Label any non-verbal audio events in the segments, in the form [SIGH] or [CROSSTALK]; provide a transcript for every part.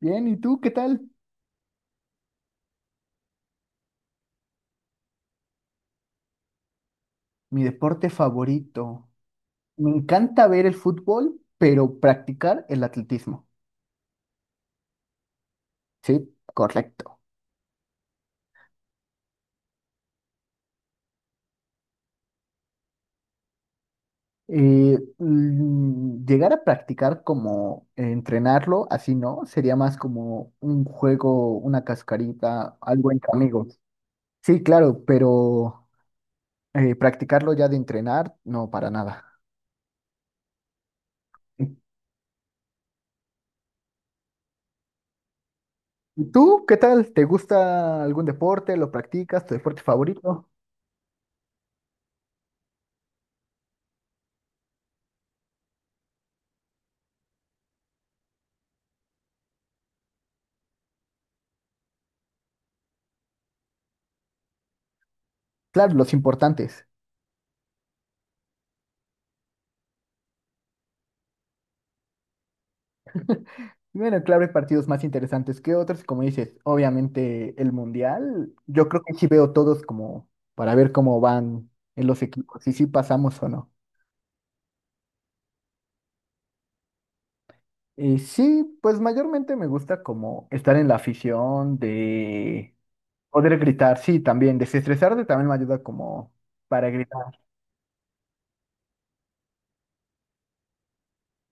Bien, ¿y tú qué tal? Mi deporte favorito. Me encanta ver el fútbol, pero practicar el atletismo. Sí, correcto. Llegar a practicar como entrenarlo, así no, sería más como un juego, una cascarita, algo entre amigos. Sí, claro, pero practicarlo ya de entrenar, no, para nada. ¿Y tú qué tal? ¿Te gusta algún deporte? ¿Lo practicas? ¿Tu deporte favorito? Claro, los importantes. Bueno, claro, hay partidos más interesantes que otros, como dices, obviamente el Mundial, yo creo que sí veo todos como para ver cómo van en los equipos, y si sí pasamos o no. Y sí, pues mayormente me gusta como estar en la afición, de poder gritar, sí, también, desestresarte también me ayuda como para gritar.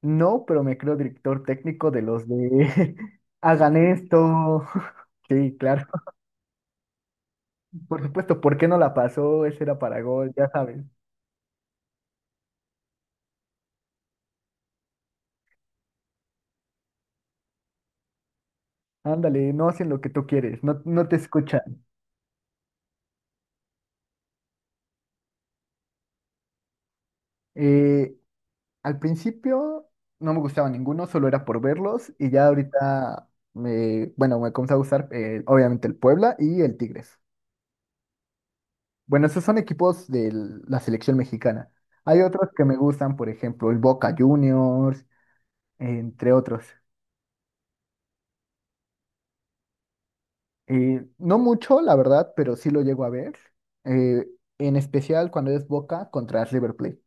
No, pero me creo director técnico de los de [LAUGHS] hagan esto. Sí, claro, [LAUGHS] por supuesto, ¿por qué no la pasó? Ese era para gol, ya sabes. Ándale, no hacen lo que tú quieres, no, no te escuchan. Eh, Al principio no me gustaba ninguno, solo era por verlos y ya ahorita bueno, me comenzó a gustar obviamente el Puebla y el Tigres. Bueno, esos son equipos de la selección mexicana. Hay otros que me gustan, por ejemplo, el Boca Juniors, entre otros. No mucho, la verdad, pero sí lo llego a ver, eh, en especial cuando es Boca contra River Plate.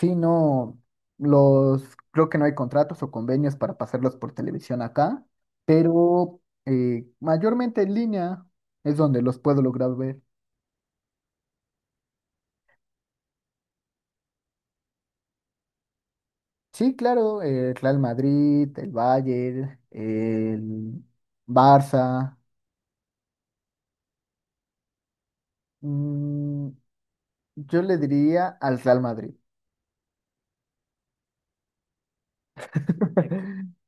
Sí, no, los, creo que no hay contratos o convenios para pasarlos por televisión acá, pero mayormente en línea es donde los puedo lograr ver. Sí, claro, el Real Madrid, el Bayern, el Barça. mm, yo le diría al Real Madrid. [LAUGHS]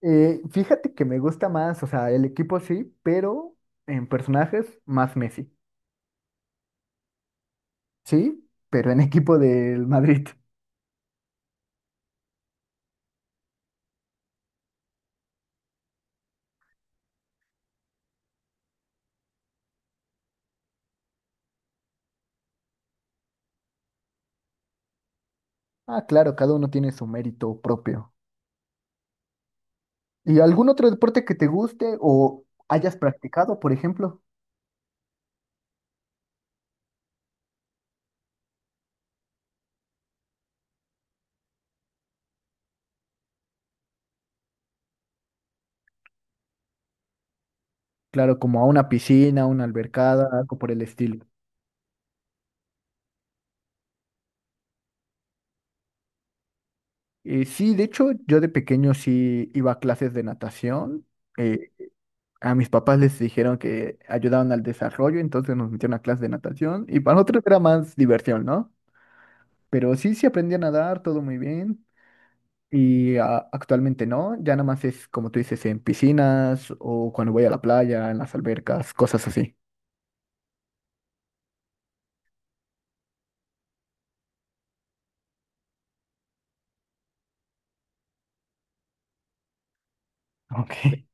Fíjate que me gusta más, o sea, el equipo sí, pero en personajes más Messi. Sí, pero en equipo del Madrid. Ah, claro, cada uno tiene su mérito propio. ¿Y algún otro deporte que te guste o hayas practicado, por ejemplo? Claro, como a una piscina, una albercada, algo por el estilo. Sí, de hecho, yo de pequeño sí iba a clases de natación. Eh, a mis papás les dijeron que ayudaban al desarrollo, entonces nos metieron a clases de natación y para nosotros era más diversión, ¿no? Pero sí, sí aprendí a nadar, todo muy bien. Y actualmente no, ya nada más es como tú dices, en piscinas o cuando voy a la playa, en las albercas, cosas así. Ok.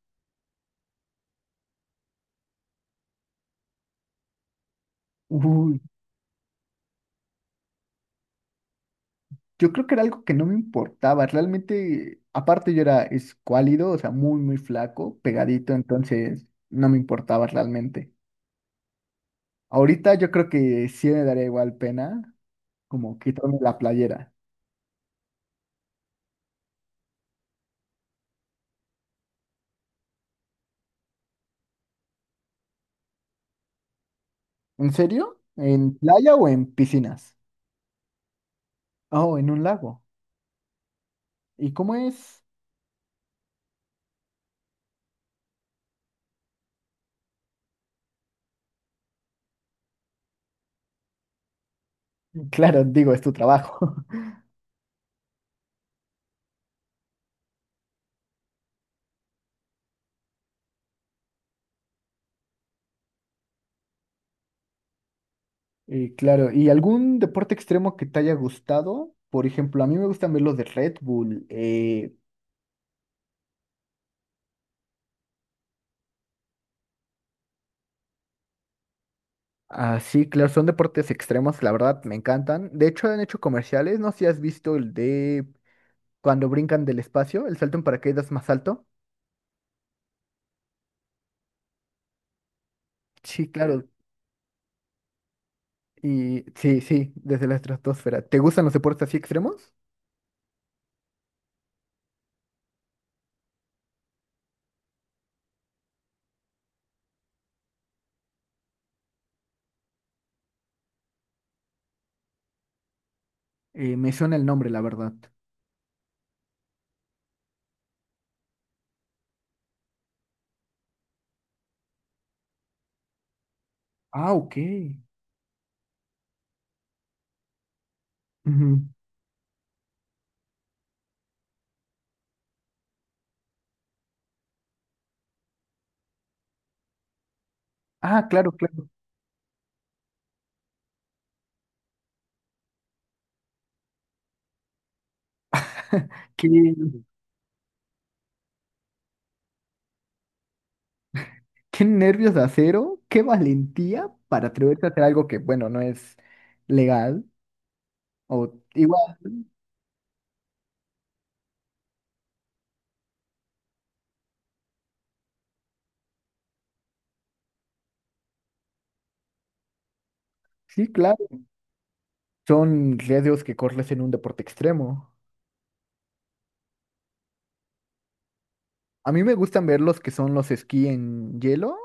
Uy, yo creo que era algo que no me importaba, realmente, aparte yo era escuálido, o sea, muy, muy flaco, pegadito, entonces no me importaba realmente. Ahorita yo creo que sí me daría igual pena como quitarme la playera. ¿En serio? ¿En playa o en piscinas? Oh, en un lago. ¿Y cómo es? Claro, digo, es tu trabajo. Claro, ¿y algún deporte extremo que te haya gustado? Por ejemplo, a mí me gustan ver los de Red Bull. Sí, claro, son deportes extremos, la verdad, me encantan. De hecho, han hecho comerciales, no sé si has visto el de cuando brincan del espacio, el salto en paracaídas más alto. Sí, claro. Y sí, sí, desde la estratosfera. ¿Te gustan los deportes así extremos? Me suena el nombre, la verdad. Ah, ok. Ujú. Ah, claro, claro. Que Qué nervios de acero, qué valentía para atreverse a hacer algo que, bueno, no es legal. O igual, sí, claro, son riesgos que corres en un deporte extremo. A mí me gustan ver los que son los esquí en hielo,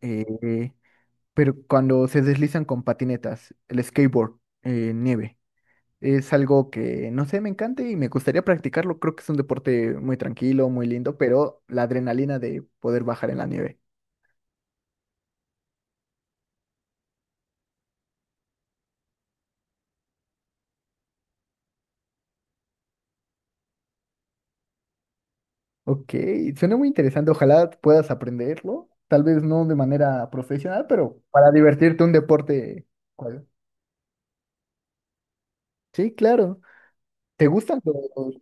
eh, pero cuando se deslizan con patinetas, el skateboard, nieve. Es algo que, no sé, me encanta y me gustaría practicarlo. Creo que es un deporte muy tranquilo, muy lindo, pero la adrenalina de poder bajar en la nieve. Ok, suena muy interesante. Ojalá puedas aprenderlo. Tal vez no de manera profesional, pero para divertirte un deporte. ¿Cuál? Sí, claro. ¿Te gustan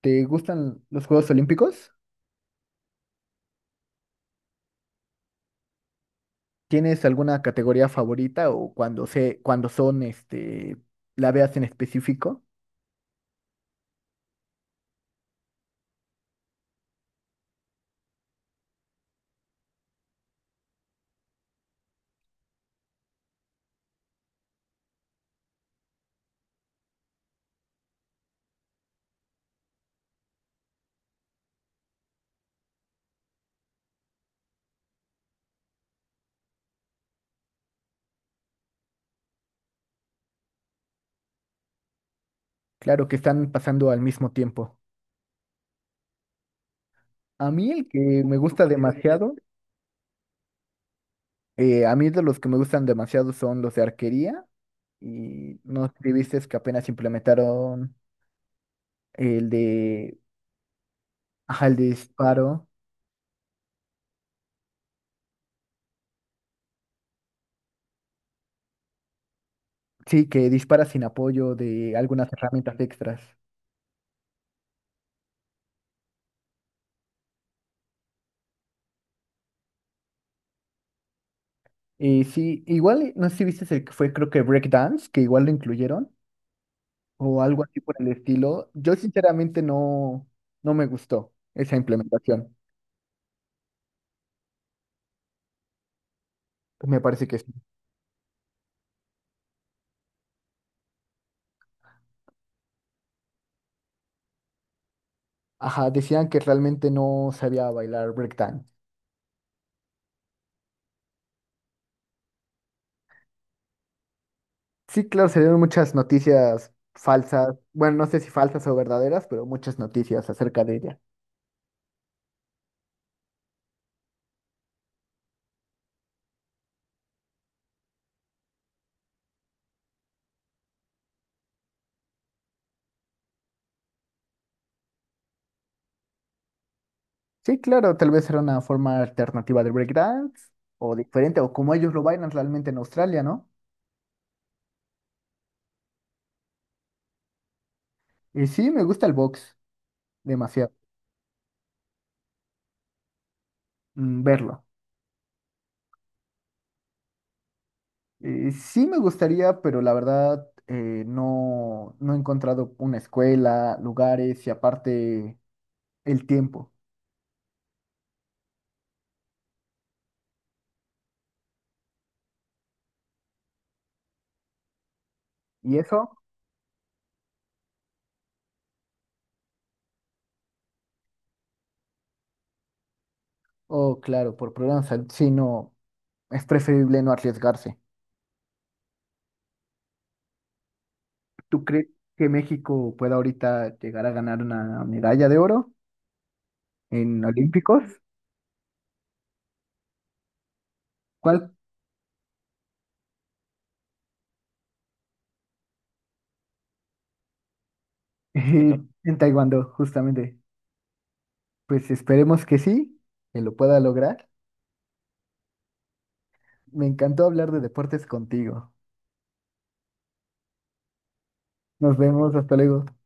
te gustan los Juegos Olímpicos? ¿Tienes alguna categoría favorita o cuando cuando son, este, la veas en específico? Claro que están pasando al mismo tiempo. A mí el que me gusta Ok. demasiado, a mí de los que me gustan demasiado son los de arquería y no sé si viste que apenas implementaron. el de, ajá, el de disparo, sí, que dispara sin apoyo de algunas herramientas extras. Y sí, igual, no sé si viste el que fue, creo que Breakdance, que igual lo incluyeron, o algo así por el estilo. Yo sinceramente no, no me gustó esa implementación. Me parece que sí. Ajá, decían que realmente no sabía bailar breakdance. Sí, claro, se dieron muchas noticias falsas, bueno, no sé si falsas o verdaderas, pero muchas noticias acerca de ella. Sí, claro, tal vez era una forma alternativa del breakdance o diferente, o como ellos lo bailan realmente en Australia, ¿no? Y sí, me gusta el box demasiado, verlo. Y sí me gustaría, pero la verdad no, no he encontrado una escuela, lugares y aparte el tiempo. ¿Y eso? Oh, claro, por problemas, de salud, sí, no, es preferible no arriesgarse. ¿Tú crees que México pueda ahorita llegar a ganar una medalla de oro en Olímpicos? ¿Cuál [LAUGHS] en Taekwondo, justamente. Pues esperemos que sí, que lo pueda lograr. Me encantó hablar de deportes contigo. Nos vemos, hasta luego.